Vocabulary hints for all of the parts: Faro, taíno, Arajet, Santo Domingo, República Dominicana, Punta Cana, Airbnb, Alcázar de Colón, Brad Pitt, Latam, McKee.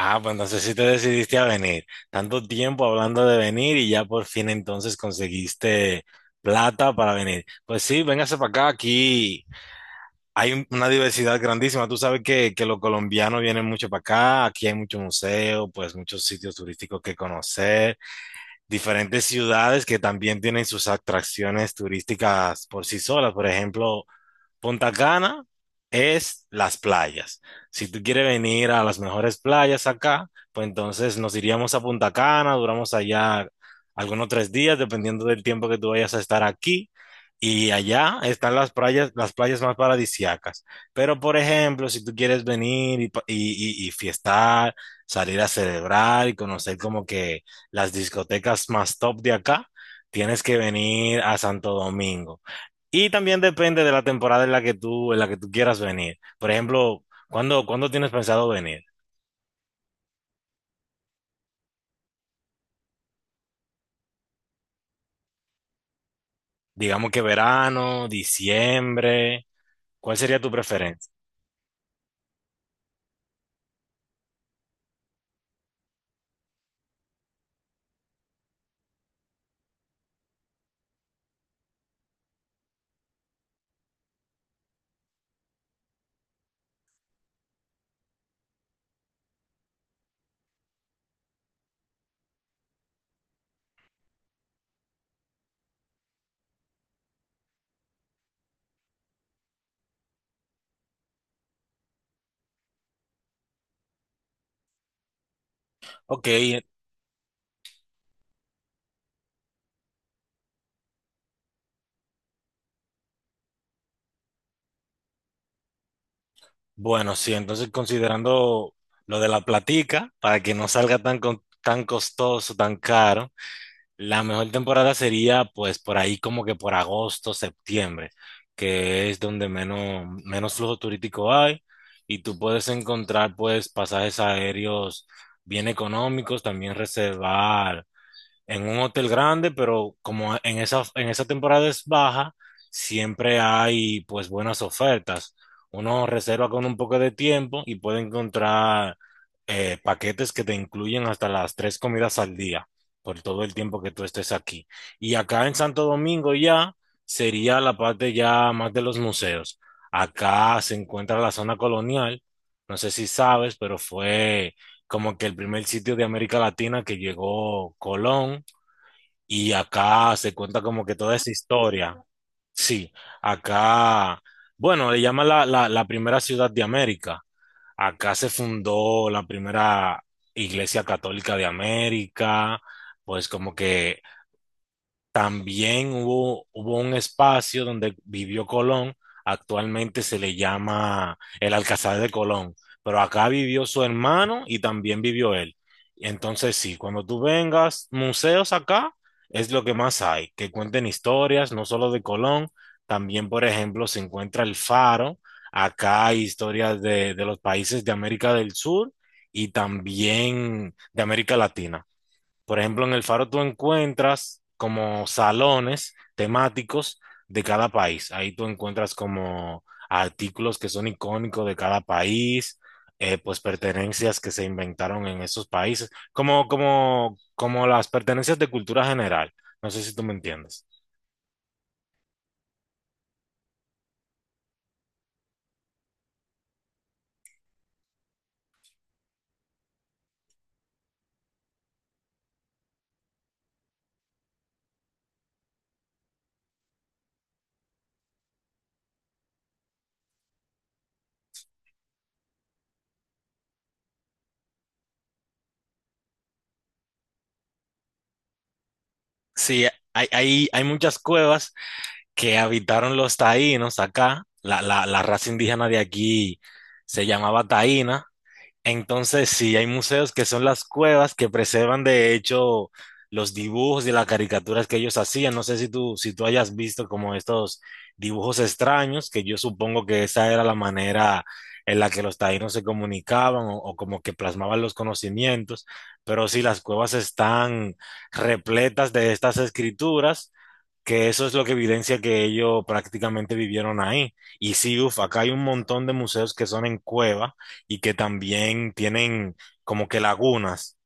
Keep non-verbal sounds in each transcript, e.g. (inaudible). Ah, pues no sé si te decidiste a venir. Tanto tiempo hablando de venir y ya por fin entonces conseguiste plata para venir. Pues sí, véngase para acá. Aquí hay una diversidad grandísima. Tú sabes que los colombianos vienen mucho para acá. Aquí hay mucho museo, pues muchos sitios turísticos que conocer. Diferentes ciudades que también tienen sus atracciones turísticas por sí solas. Por ejemplo, Punta Cana es las playas. Si tú quieres venir a las mejores playas acá, pues entonces nos iríamos a Punta Cana, duramos allá algunos 3 días, dependiendo del tiempo que tú vayas a estar aquí. Y allá están las playas más paradisíacas. Pero, por ejemplo, si tú quieres venir y fiestar, salir a celebrar y conocer como que las discotecas más top de acá, tienes que venir a Santo Domingo. Y también depende de la temporada en la que tú quieras venir. Por ejemplo, ¿cuándo tienes pensado venir? Digamos que verano, diciembre, ¿cuál sería tu preferencia? Ok, bueno, sí, entonces considerando lo de la platica, para que no salga tan, tan costoso, tan caro, la mejor temporada sería pues por ahí como que por agosto, septiembre, que es donde menos flujo turístico hay y tú puedes encontrar pues pasajes aéreos bien económicos, también reservar en un hotel grande, pero como en esa temporada es baja, siempre hay pues buenas ofertas. Uno reserva con un poco de tiempo y puede encontrar paquetes que te incluyen hasta las tres comidas al día por todo el tiempo que tú estés aquí. Y acá en Santo Domingo ya sería la parte ya más de los museos. Acá se encuentra la zona colonial. No sé si sabes, pero fue como que el primer sitio de América Latina que llegó Colón y acá se cuenta como que toda esa historia. Sí, acá, bueno, le llaman la primera ciudad de América. Acá se fundó la primera iglesia católica de América, pues como que también hubo un espacio donde vivió Colón, actualmente se le llama el Alcázar de Colón, pero acá vivió su hermano y también vivió él. Entonces sí, cuando tú vengas, museos acá es lo que más hay, que cuenten historias, no solo de Colón, también por ejemplo se encuentra el Faro, acá hay historias de los países de América del Sur y también de América Latina. Por ejemplo, en el Faro tú encuentras como salones temáticos de cada país. Ahí tú encuentras como artículos que son icónicos de cada país, pues pertenencias que se inventaron en esos países, como las pertenencias de cultura general. No sé si tú me entiendes. Sí, hay muchas cuevas que habitaron los taínos acá. La raza indígena de aquí se llamaba taína. Entonces, sí, hay museos que son las cuevas que preservan de hecho los dibujos y las caricaturas que ellos hacían. No sé si tú hayas visto como estos dibujos extraños, que yo supongo que esa era la manera en la que los taínos se comunicaban o como que plasmaban los conocimientos. Pero sí, las cuevas están repletas de estas escrituras que eso es lo que evidencia que ellos prácticamente vivieron ahí. Y sí, uf, acá hay un montón de museos que son en cueva y que también tienen como que lagunas,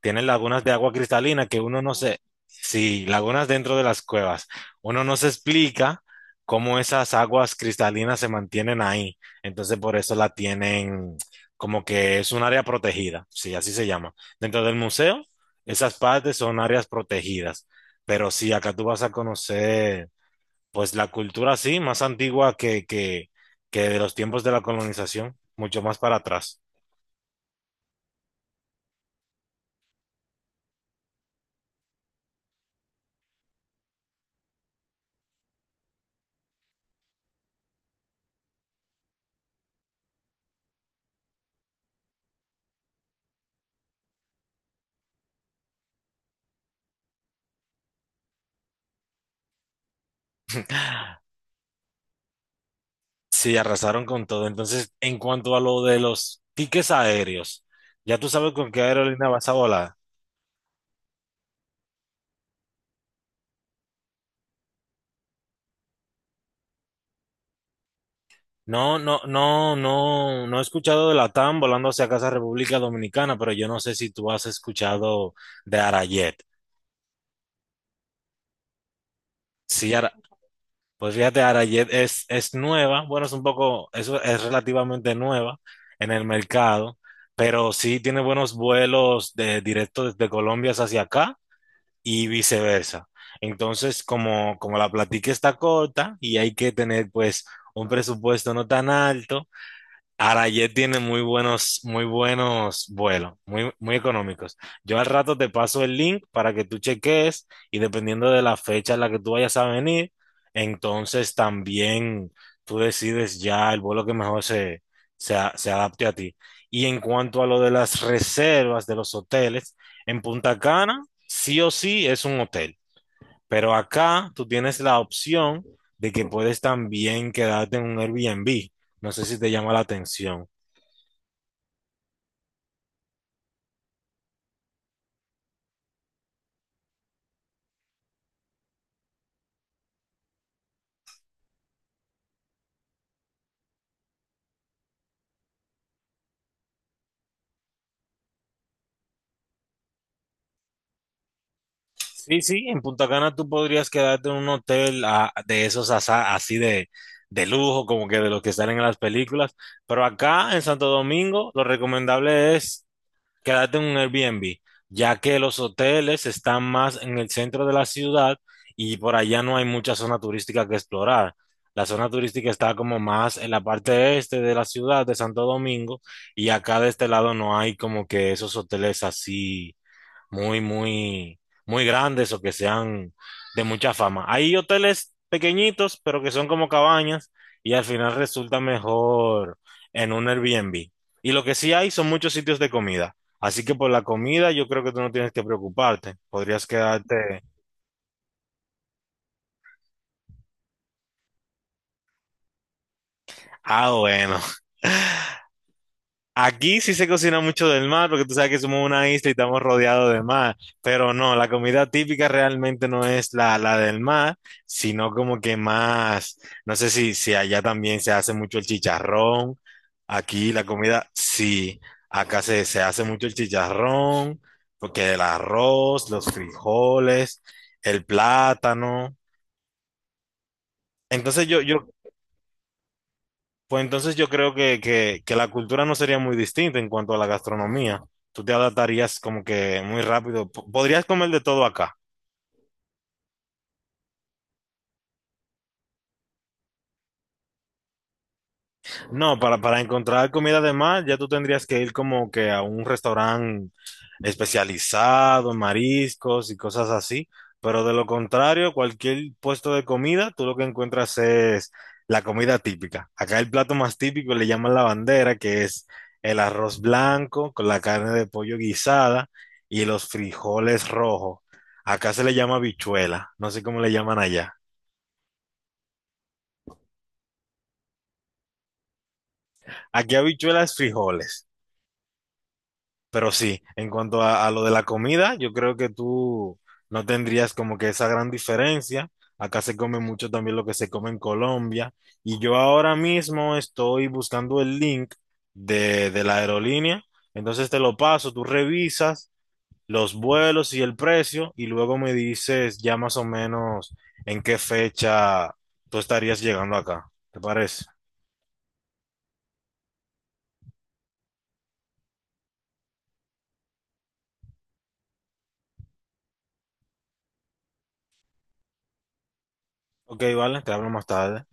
tienen lagunas de agua cristalina que uno no se, sí, lagunas dentro de las cuevas. Uno no se explica cómo esas aguas cristalinas se mantienen ahí. Entonces por eso la tienen como que es un área protegida, sí, así se llama. Dentro del museo, esas partes son áreas protegidas. Pero sí, acá tú vas a conocer pues la cultura sí, más antigua que de los tiempos de la colonización, mucho más para atrás. Sí, arrasaron con todo. Entonces, en cuanto a, lo de los tickets aéreos, ya tú sabes con qué aerolínea vas a volar. No, no, no, no, no he escuchado de Latam volando hacia casa República Dominicana, pero yo no sé si tú has escuchado de Arajet. Sí, pues fíjate, Arajet es nueva, bueno, es un poco, es relativamente nueva en el mercado, pero sí tiene buenos vuelos directos desde Colombia hacia acá y viceversa. Entonces, como la platica está corta y hay que tener pues un presupuesto no tan alto, Arayet tiene muy buenos vuelos, muy, muy económicos. Yo al rato te paso el link para que tú cheques y dependiendo de la fecha en la que tú vayas a venir, entonces también tú decides ya el vuelo que mejor se adapte a ti. Y en cuanto a lo de las reservas de los hoteles, en Punta Cana sí o sí es un hotel, pero acá tú tienes la opción de que puedes también quedarte en un Airbnb. No sé si te llama la atención. Sí, sí, en Punta Cana tú podrías quedarte en un hotel, ah, de esos así de lujo, como que de los que salen en las películas, pero acá en Santo Domingo lo recomendable es quedarte en un Airbnb, ya que los hoteles están más en el centro de la ciudad y por allá no hay mucha zona turística que explorar. La zona turística está como más en la parte este de la ciudad de Santo Domingo y acá de este lado no hay como que esos hoteles así muy, muy, muy grandes o que sean de mucha fama. Hay hoteles pequeñitos, pero que son como cabañas y al final resulta mejor en un Airbnb. Y lo que sí hay son muchos sitios de comida. Así que por la comida yo creo que tú no tienes que preocuparte. Podrías quedarte. Ah, bueno. (laughs) Aquí sí se cocina mucho del mar, porque tú sabes que somos una isla y estamos rodeados de mar, pero no, la comida típica realmente no es la del mar, sino como que más, no sé si allá también se hace mucho el chicharrón, aquí la comida, sí, acá se hace mucho el chicharrón, porque el arroz, los frijoles, el plátano. Entonces yo. Pues entonces yo creo que la cultura no sería muy distinta en cuanto a la gastronomía. Tú te adaptarías como que muy rápido. Podrías comer de todo acá. No, para encontrar comida de mar, ya tú tendrías que ir como que a un restaurante especializado en mariscos y cosas así. Pero de lo contrario, cualquier puesto de comida, tú lo que encuentras es la comida típica. Acá el plato más típico le llaman la bandera, que es el arroz blanco con la carne de pollo guisada y los frijoles rojos. Acá se le llama habichuela, no sé cómo le llaman allá. Aquí habichuelas frijoles. Pero sí, en cuanto a lo de la comida, yo creo que tú no tendrías como que esa gran diferencia. Acá se come mucho también lo que se come en Colombia. Y yo ahora mismo estoy buscando el link de la aerolínea. Entonces te lo paso, tú revisas los vuelos y el precio y luego me dices ya más o menos en qué fecha tú estarías llegando acá. ¿Te parece? Ok, vale, te hablo más tarde.